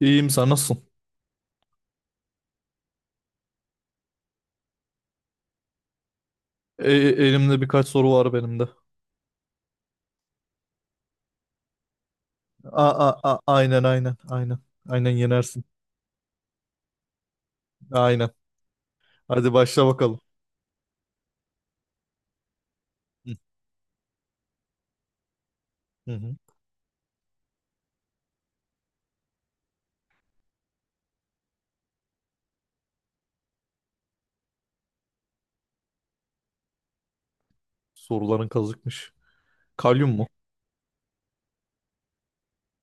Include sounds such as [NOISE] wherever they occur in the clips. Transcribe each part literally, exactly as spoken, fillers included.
İyiyim, sen nasılsın? E- e- Elimde birkaç soru var benim de. A a a Aynen aynen aynen. Aynen yenersin. Aynen. Hadi başla bakalım. Hı hı. Hı. Soruların kazıkmış. Kalyum mu?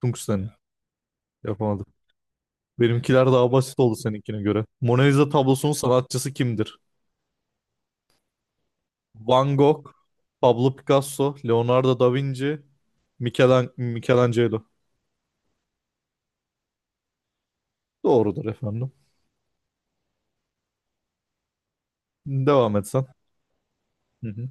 Tungsten mi? Yapamadım. Benimkiler daha basit oldu seninkine göre. Mona Lisa tablosunun sanatçısı kimdir? Van Gogh, Pablo Picasso, Leonardo da Vinci, Michelan- Michelangelo. Doğrudur efendim. Devam etsen. Hı hı.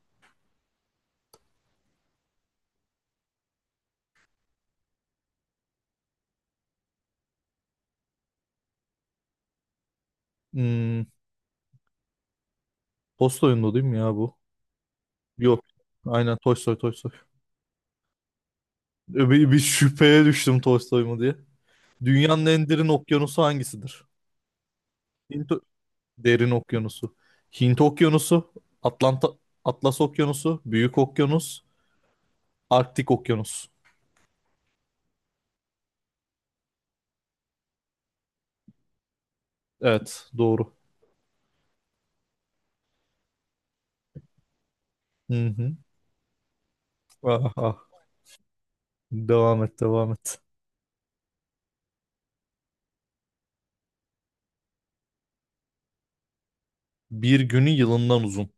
Hmm, Tolstoy'un da değil mi ya bu? Yok. Aynen Tolstoy Tolstoy. Bir, bir şüpheye düştüm Tolstoy mu diye. Dünyanın en derin okyanusu hangisidir? Hint derin okyanusu. Hint okyanusu, Atlanta Atlas okyanusu, Büyük okyanus, Arktik okyanus. Evet, doğru. Hı hı. Ah, ah. Devam et, devam et. Bir günü yılından uzun.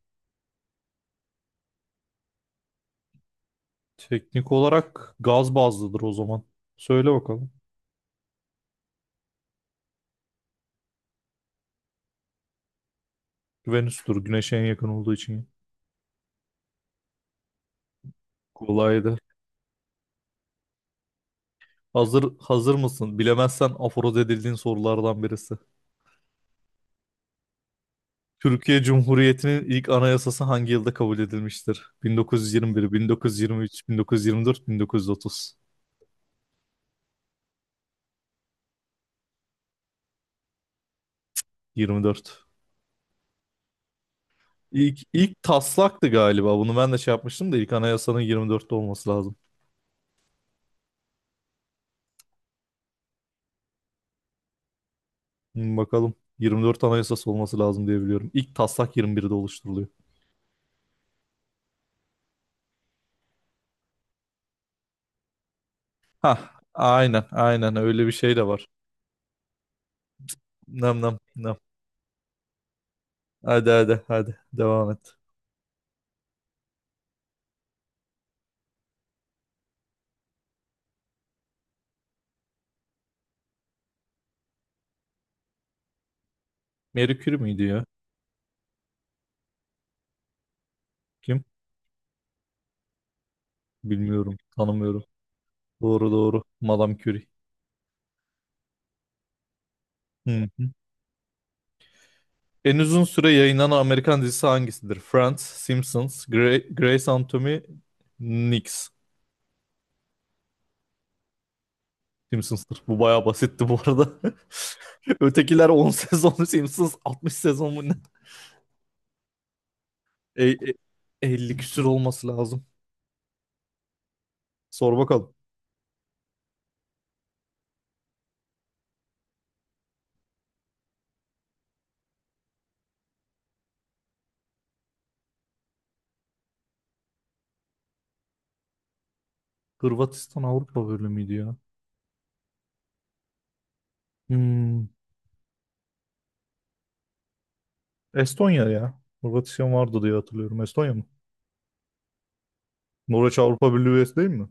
Teknik olarak gaz bazlıdır o zaman. Söyle bakalım. Venüs'tür, Güneş'e en yakın olduğu için. Kolaydı. Hazır hazır mısın? Bilemezsen aforoz edildiğin sorulardan birisi. Türkiye Cumhuriyeti'nin ilk anayasası hangi yılda kabul edilmiştir? bin dokuz yüz yirmi bir, bin dokuz yüz yirmi üç, bin dokuz yüz yirmi dört, bin dokuz yüz otuz, yirmi dört. İlk, ilk taslaktı galiba. Bunu ben de şey yapmıştım da ilk anayasanın yirmi dörtte olması lazım. Hmm, Bakalım. yirmi dört anayasası olması lazım diye biliyorum. İlk taslak yirmi birde oluşturuluyor. Hah, aynen, aynen öyle bir şey de var. Nem nem nem. Hadi hadi hadi devam et. Marie Curie miydi ya? Kim? Bilmiyorum, tanımıyorum. Doğru doğru. Madame Curie. Hmm. En uzun süre yayınlanan Amerikan dizisi hangisidir? Friends, Simpsons, Grey, Grey's Anatomy, Nix. Simpsons'tır. Bu bayağı basitti bu arada. [LAUGHS] Ötekiler on sezon, [LAUGHS] Simpsons altmış sezon mu ne? E, e, elli küsür olması lazım. Sor bakalım. Hırvatistan Avrupa bölümüydü ya. Hmm, Estonya ya. Hırvatistan vardı diye hatırlıyorum. Estonya mı? Norveç Avrupa Birliği üyesi değil mi?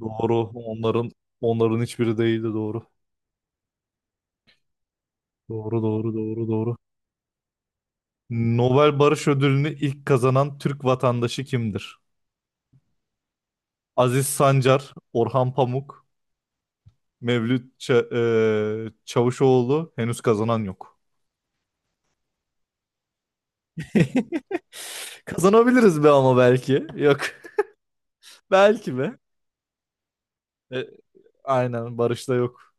Doğru. Onların onların hiçbiri değildi doğru. Doğru doğru doğru doğru. Nobel Barış Ödülünü ilk kazanan Türk vatandaşı kimdir? Aziz Sancar, Orhan Pamuk, Mevlüt Ça- eee, Çavuşoğlu henüz kazanan yok. [LAUGHS] Kazanabiliriz be ama belki. Yok. [LAUGHS] Belki be. E, aynen Barış'ta yok.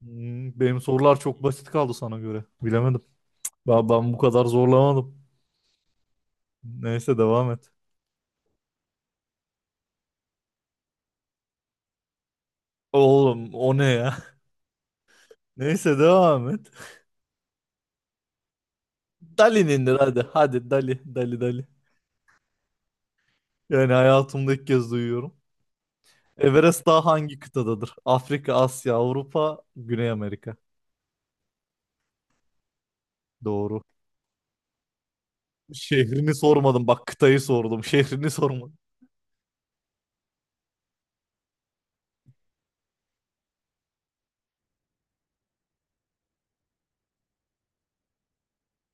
Hmm, Benim sorular çok basit kaldı sana göre. Bilemedim. Ben, ben bu kadar zorlamadım. Neyse devam et. Oğlum o ne ya? [LAUGHS] Neyse devam et. Dali'nindir hadi. Hadi Dali. Dali Dali. Yani hayatımda ilk kez duyuyorum. Everest Dağı hangi kıtadadır? Afrika, Asya, Avrupa, Güney Amerika. Doğru. Şehrini sormadım. Bak kıtayı sordum. [LAUGHS] Şehrini sormadım.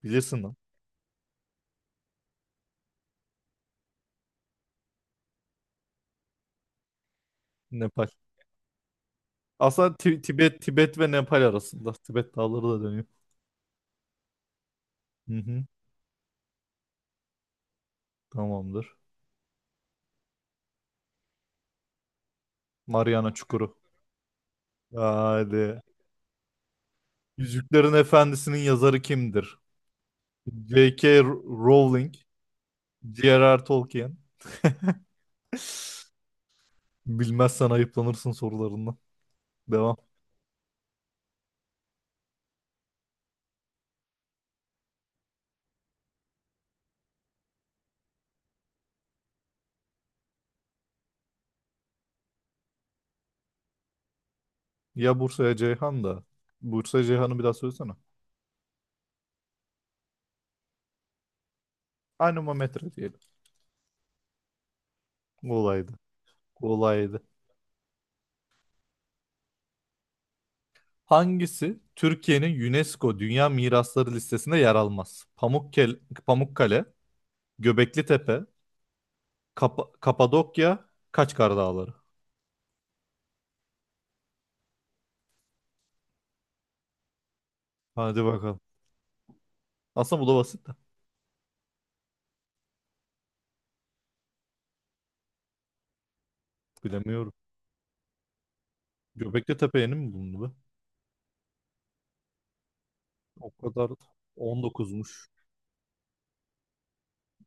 Bilirsin lan. Nepal. Aslında Ti- Tibet, Tibet ve Nepal arasında. Tibet dağları da dönüyor. Hı hı. Tamamdır. Mariana Çukuru. Hadi. Yüzüklerin Efendisi'nin yazarı kimdir? J K. Rowling, J R R. Tolkien. Bilmezsen ayıplanırsın sorularından. Devam. Ya Bursa'ya Ceyhan da. Bursa Ceyhan'ı bir daha söylesene. Anemometre diyelim. Kolaydı. Kolaydı. Hangisi Türkiye'nin UNESCO Dünya Mirasları listesinde yer almaz? Pamukkale, Pamukkale, Göbeklitepe, Kapa- Kapadokya, Kaçkar Dağları. Hadi bakalım. Aslında bu da basit de. Bilemiyorum. Göbeklitepe yeni mi bulundu be? O kadar. On dokuzmuş.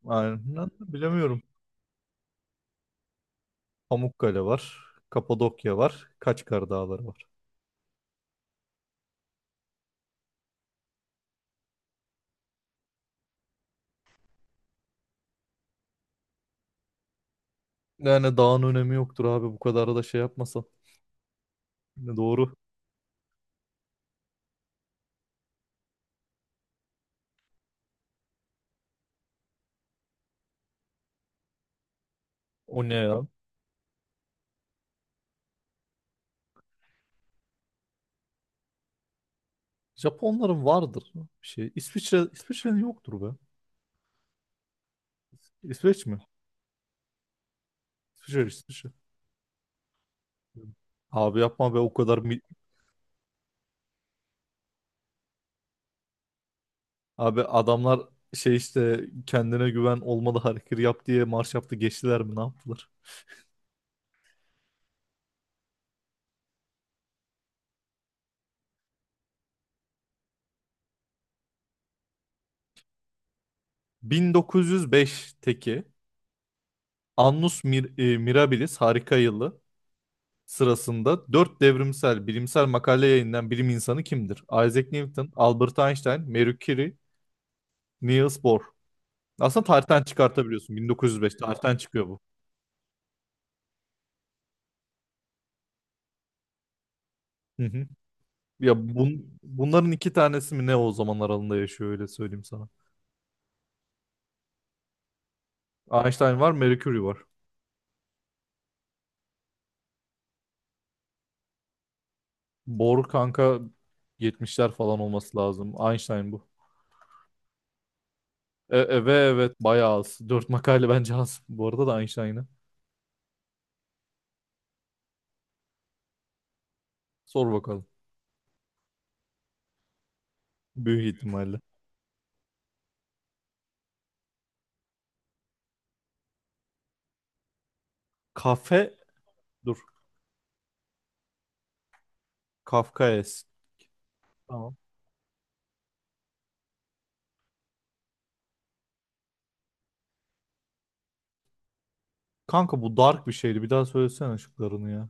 Aynen. Bilemiyorum. Pamukkale var. Kapadokya var. Kaçkar Dağları var. Yani dağın önemi yoktur abi bu kadar da şey yapmasa. Ne doğru. O ne ya? Japonların vardır bir şey. İsviçre İsviçre'nin yoktur be. İsveç mi? İsviçre İsviçre. Abi yapma be o kadar mi- abi adamlar şey işte kendine güven olmalı hareket yap diye marş yaptı geçtiler mi ne yaptılar? bin dokuz yüz beşteki Annus Mir- e, Mirabilis harika yılı sırasında dört devrimsel bilimsel makale yayınlayan bilim insanı kimdir? Isaac Newton, Albert Einstein, Marie Curie, Niels Bohr. Aslında tarihten çıkartabiliyorsun. bin dokuz yüz beş tarihten çıkıyor bu. Hı hı. Ya bun, bunların iki tanesi mi ne o zaman aralığında yaşıyor öyle söyleyeyim sana. Einstein var, Mercury var. Bohr kanka yetmişler falan olması lazım. Einstein bu. E, e, ve evet, bayağı az. Dört makale bence az. Bu arada da Einstein'ı. Sor bakalım. Büyük ihtimalle. Kafe Dur. Kafkaes. Tamam. Kanka bu dark bir şeydi. Bir daha söylesene şıklarını ya.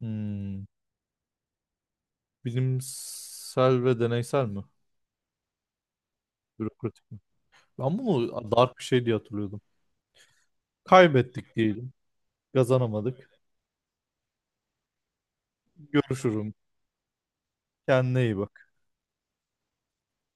Hmm. Bilimsel ve deneysel mi? Bürokratik. Ben bunu dark bir şey diye hatırlıyordum. Kaybettik diyelim. Kazanamadık. Görüşürüm. Kendine iyi bak.